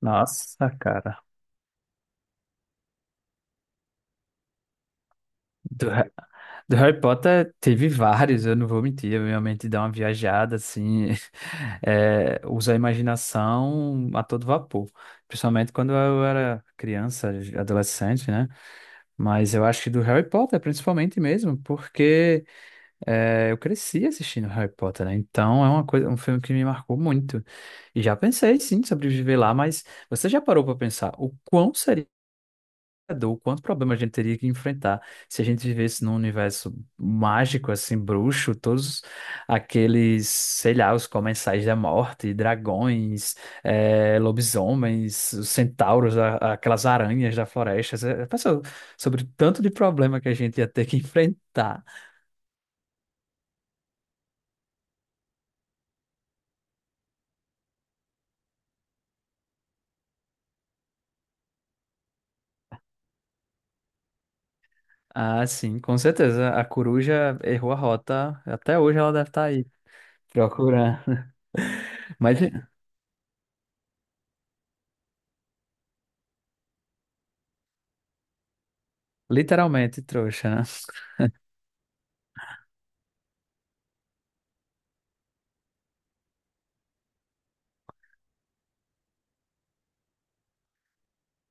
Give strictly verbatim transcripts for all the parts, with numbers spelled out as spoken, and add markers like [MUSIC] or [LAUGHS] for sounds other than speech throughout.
Nossa, cara. Do, Ha- do Harry Potter teve vários, eu não vou mentir. Eu realmente dá uma viajada, assim. [LAUGHS] É, usa a imaginação a todo vapor. Principalmente quando eu era criança, adolescente, né? Mas eu acho que do Harry Potter, principalmente mesmo, porque é, eu cresci assistindo Harry Potter, né? Então é uma coisa, um filme que me marcou muito. E já pensei, sim, sobre viver lá, mas você já parou para pensar o quão seria o quanto problema a gente teria que enfrentar se a gente vivesse num universo mágico, assim, bruxo, todos aqueles, sei lá, os comensais da morte, dragões, eh, lobisomens, os centauros, a- aquelas aranhas da floresta. Você pensou sobre o tanto de problema que a gente ia ter que [LAUGHS] enfrentar. Ah, sim, com certeza. A coruja errou a rota. Até hoje ela deve estar aí procurando. [LAUGHS] Mas literalmente trouxa, né?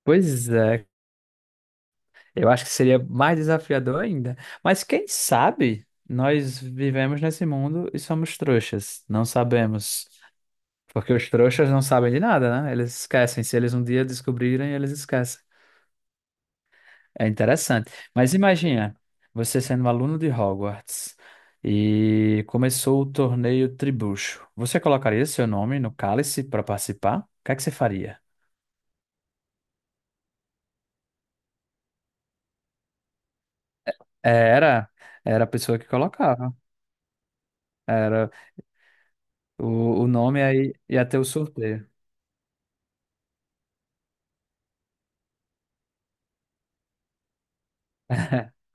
Pois é, eu acho que seria mais desafiador ainda. Mas quem sabe nós vivemos nesse mundo e somos trouxas. Não sabemos. Porque os trouxas não sabem de nada, né? Eles esquecem. Se eles um dia descobrirem, eles esquecem. É interessante. Mas imagina, você sendo um aluno de Hogwarts e começou o torneio Tribucho. Você colocaria seu nome no cálice para participar? O que é que você faria? É, Era, era a pessoa que colocava. Era o, o nome aí, ia ter o sorteio. [LAUGHS]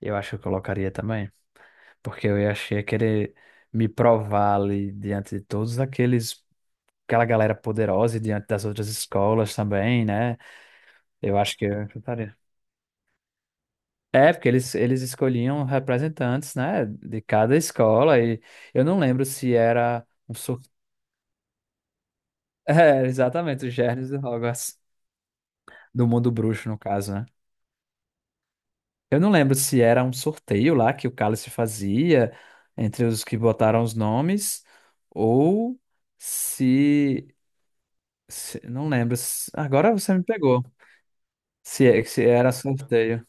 Eu acho que eu colocaria também, porque eu ia- achei querer me provar ali diante de todos aqueles, aquela galera poderosa e diante das outras escolas também, né? Eu acho que eu chutaria. É, porque eles, eles escolhiam representantes, né, de cada escola e eu não lembro se era um sorteio. [LAUGHS] É, exatamente, os germes de Hogwarts, do mundo bruxo, no caso, né? Eu não lembro se era um sorteio lá que o Cálice fazia entre os que botaram os nomes ou se, se- não lembro. se- Agora você me pegou. Se, é- se era sorteio.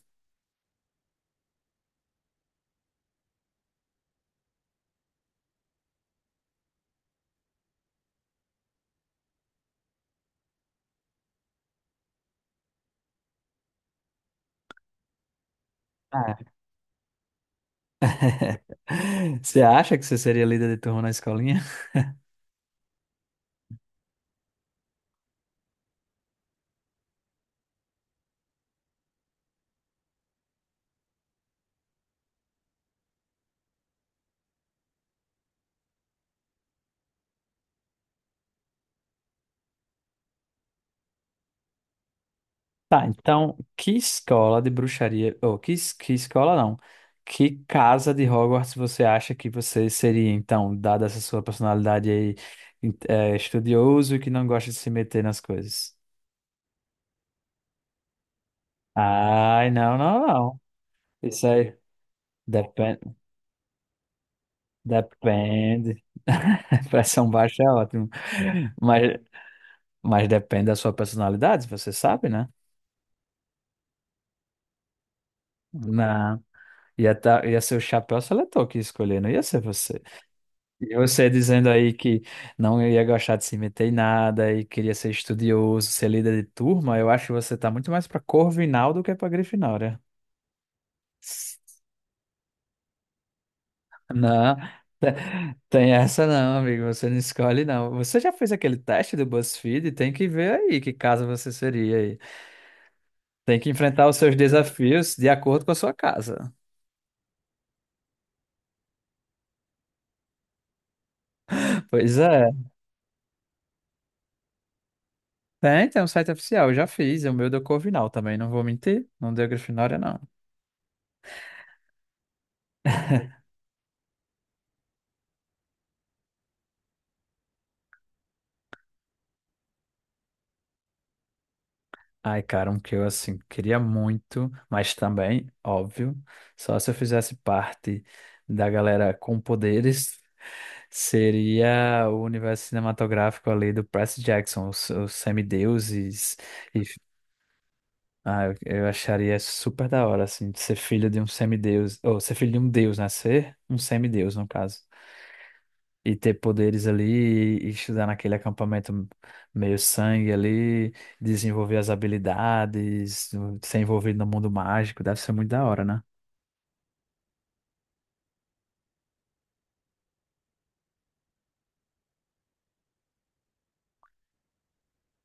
Ah, [LAUGHS] você acha que você seria líder de turma na escolinha? Tá, então, que escola de bruxaria, ou que, es- que escola não, que casa de Hogwarts você acha que você seria, então, dada essa sua personalidade aí, in- é, estudioso e que não gosta de se meter nas coisas? Ai, não, não, não. Isso aí depende, depende. [LAUGHS] Pressão baixa é ótimo. Mas, mas depende da sua personalidade, você sabe, né? Não. Ia, tá, ia ser o chapéu seletor que ia escolher, não ia ser você. E você dizendo aí que não ia gostar de se meter em nada e queria ser estudioso, ser líder de turma, eu acho que você tá muito mais pra Corvinal do que pra Grifinória. Não. Tem essa não, amigo. Você não escolhe, não. Você já fez aquele teste do BuzzFeed? Tem que ver aí que casa você seria aí. Tem que enfrentar os seus desafios de acordo com a sua casa. [LAUGHS] Pois é. Tem, tem um site oficial. Eu já fiz. é O meu deu Corvinal também. Não vou mentir. Não deu Grifinória, não. Ai, cara, um que eu, assim, queria muito, mas também, óbvio, só se eu fizesse parte da galera com poderes, seria o universo cinematográfico ali do Percy Jackson, os, os semideuses, e, ah, eu eu acharia super da hora, assim, de ser filho de um semideus, ou ser filho de um deus, né? Ser um semideus, no caso, e ter poderes ali, e estudar naquele acampamento meio sangue ali, desenvolver as habilidades, ser envolvido no mundo mágico, deve ser muito da hora, né?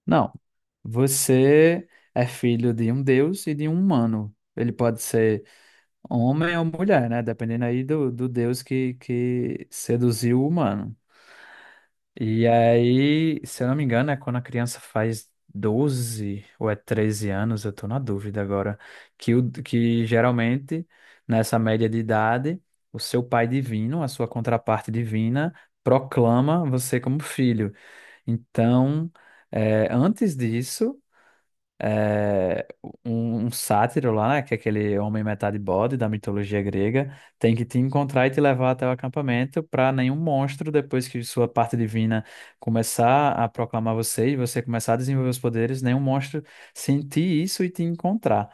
Não, você é filho de um deus e de um humano. Ele pode ser homem ou mulher, né? Dependendo aí do, do deus que, que seduziu o humano. E aí, se eu não me engano, é quando a criança faz doze ou é treze anos, eu tô na dúvida agora, que, o, que geralmente, nessa média de idade, o seu pai divino, a sua contraparte divina, proclama você como filho. Então, eh, antes disso é, um, um sátiro lá, né? Que é aquele homem metade bode da mitologia grega, tem que te encontrar e te levar até o acampamento para nenhum monstro, depois que sua parte divina começar a proclamar você e você começar a desenvolver os poderes, nenhum monstro sentir isso e te encontrar.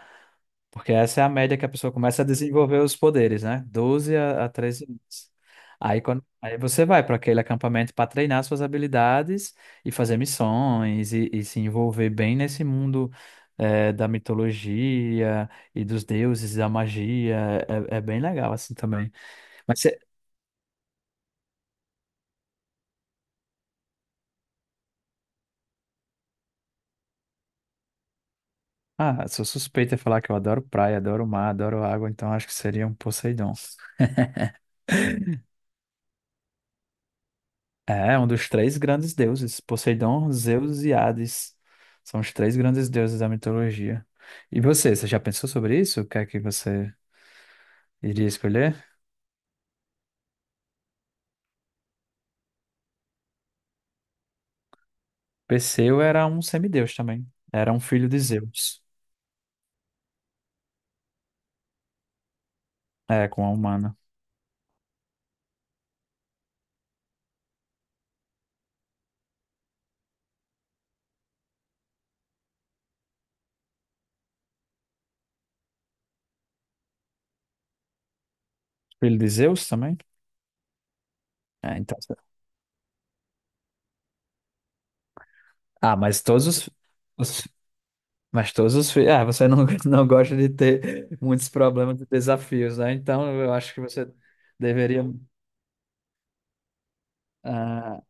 Porque essa é a média que a pessoa começa a desenvolver os poderes, né? Doze a, a treze anos. Aí, quando, aí você vai para aquele acampamento para treinar suas habilidades e fazer missões e, e se envolver bem nesse mundo, eh, da mitologia e dos deuses, da magia. É, é é bem legal assim também. Mas você, ah, sou suspeita em falar que eu adoro praia, adoro mar, adoro água, então acho que seria um Poseidon. É, um dos três grandes deuses, Poseidon, Zeus e Hades. São os três grandes deuses da mitologia. E você, você já pensou sobre isso? O que é que você iria escolher? Perseu era um semideus também. Era um filho de Zeus. É, com a humana. Filho de Zeus também? É, então. Ah, mas todos os. os- mas todos os filhos. Ah, você não, [LAUGHS] não gosta de ter muitos problemas e desafios, né? Então eu acho que você deveria. ah,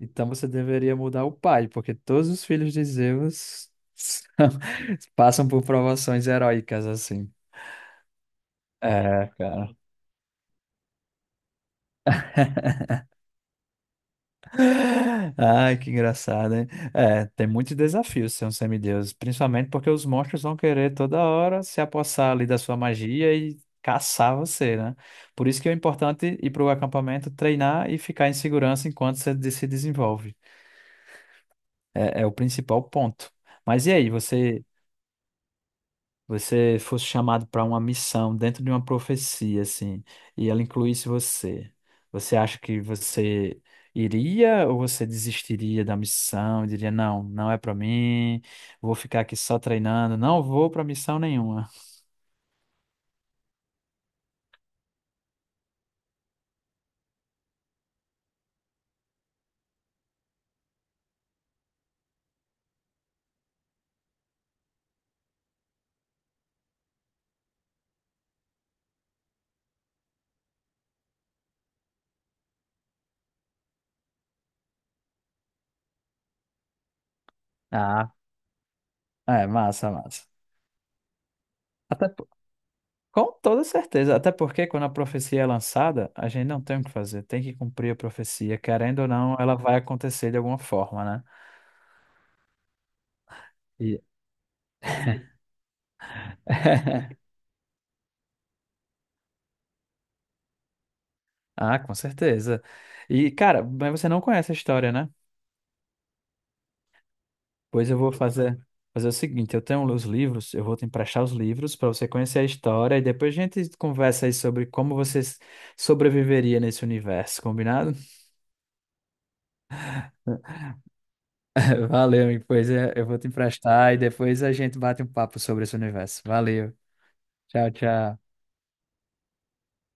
Então você deveria mudar o pai, porque todos os filhos de Zeus são- [LAUGHS] passam por provações heróicas assim. É, cara. Ai, que engraçado, hein? É, tem muitos desafios ser um semideus, principalmente porque os monstros vão querer toda hora se apossar ali da sua magia e caçar você, né? Por isso que é importante ir para o acampamento, treinar e ficar em segurança enquanto você de- se desenvolve. É, é o principal ponto. Mas e aí, você você fosse chamado para uma missão dentro de uma profecia, assim, e ela incluísse você, você acha que você iria ou você desistiria da missão e diria, não, não é para mim, vou ficar aqui só treinando, não vou para missão nenhuma? Ah, é, massa, massa. Até po- com toda certeza, até porque quando a profecia é lançada, a gente não tem o que fazer, tem que cumprir a profecia, querendo ou não, ela vai acontecer de alguma forma, né? E [LAUGHS] Ah, com certeza. E, cara, mas você não conhece a história, né? Pois eu vou fazer, fazer o seguinte: eu tenho os livros, eu vou te emprestar os livros para você conhecer a história e depois a gente conversa aí sobre como você s- sobreviveria nesse universo, combinado? [LAUGHS] Valeu, amigo. Pois é, eu vou te emprestar e depois a gente bate um papo sobre esse universo. Valeu. Tchau, tchau.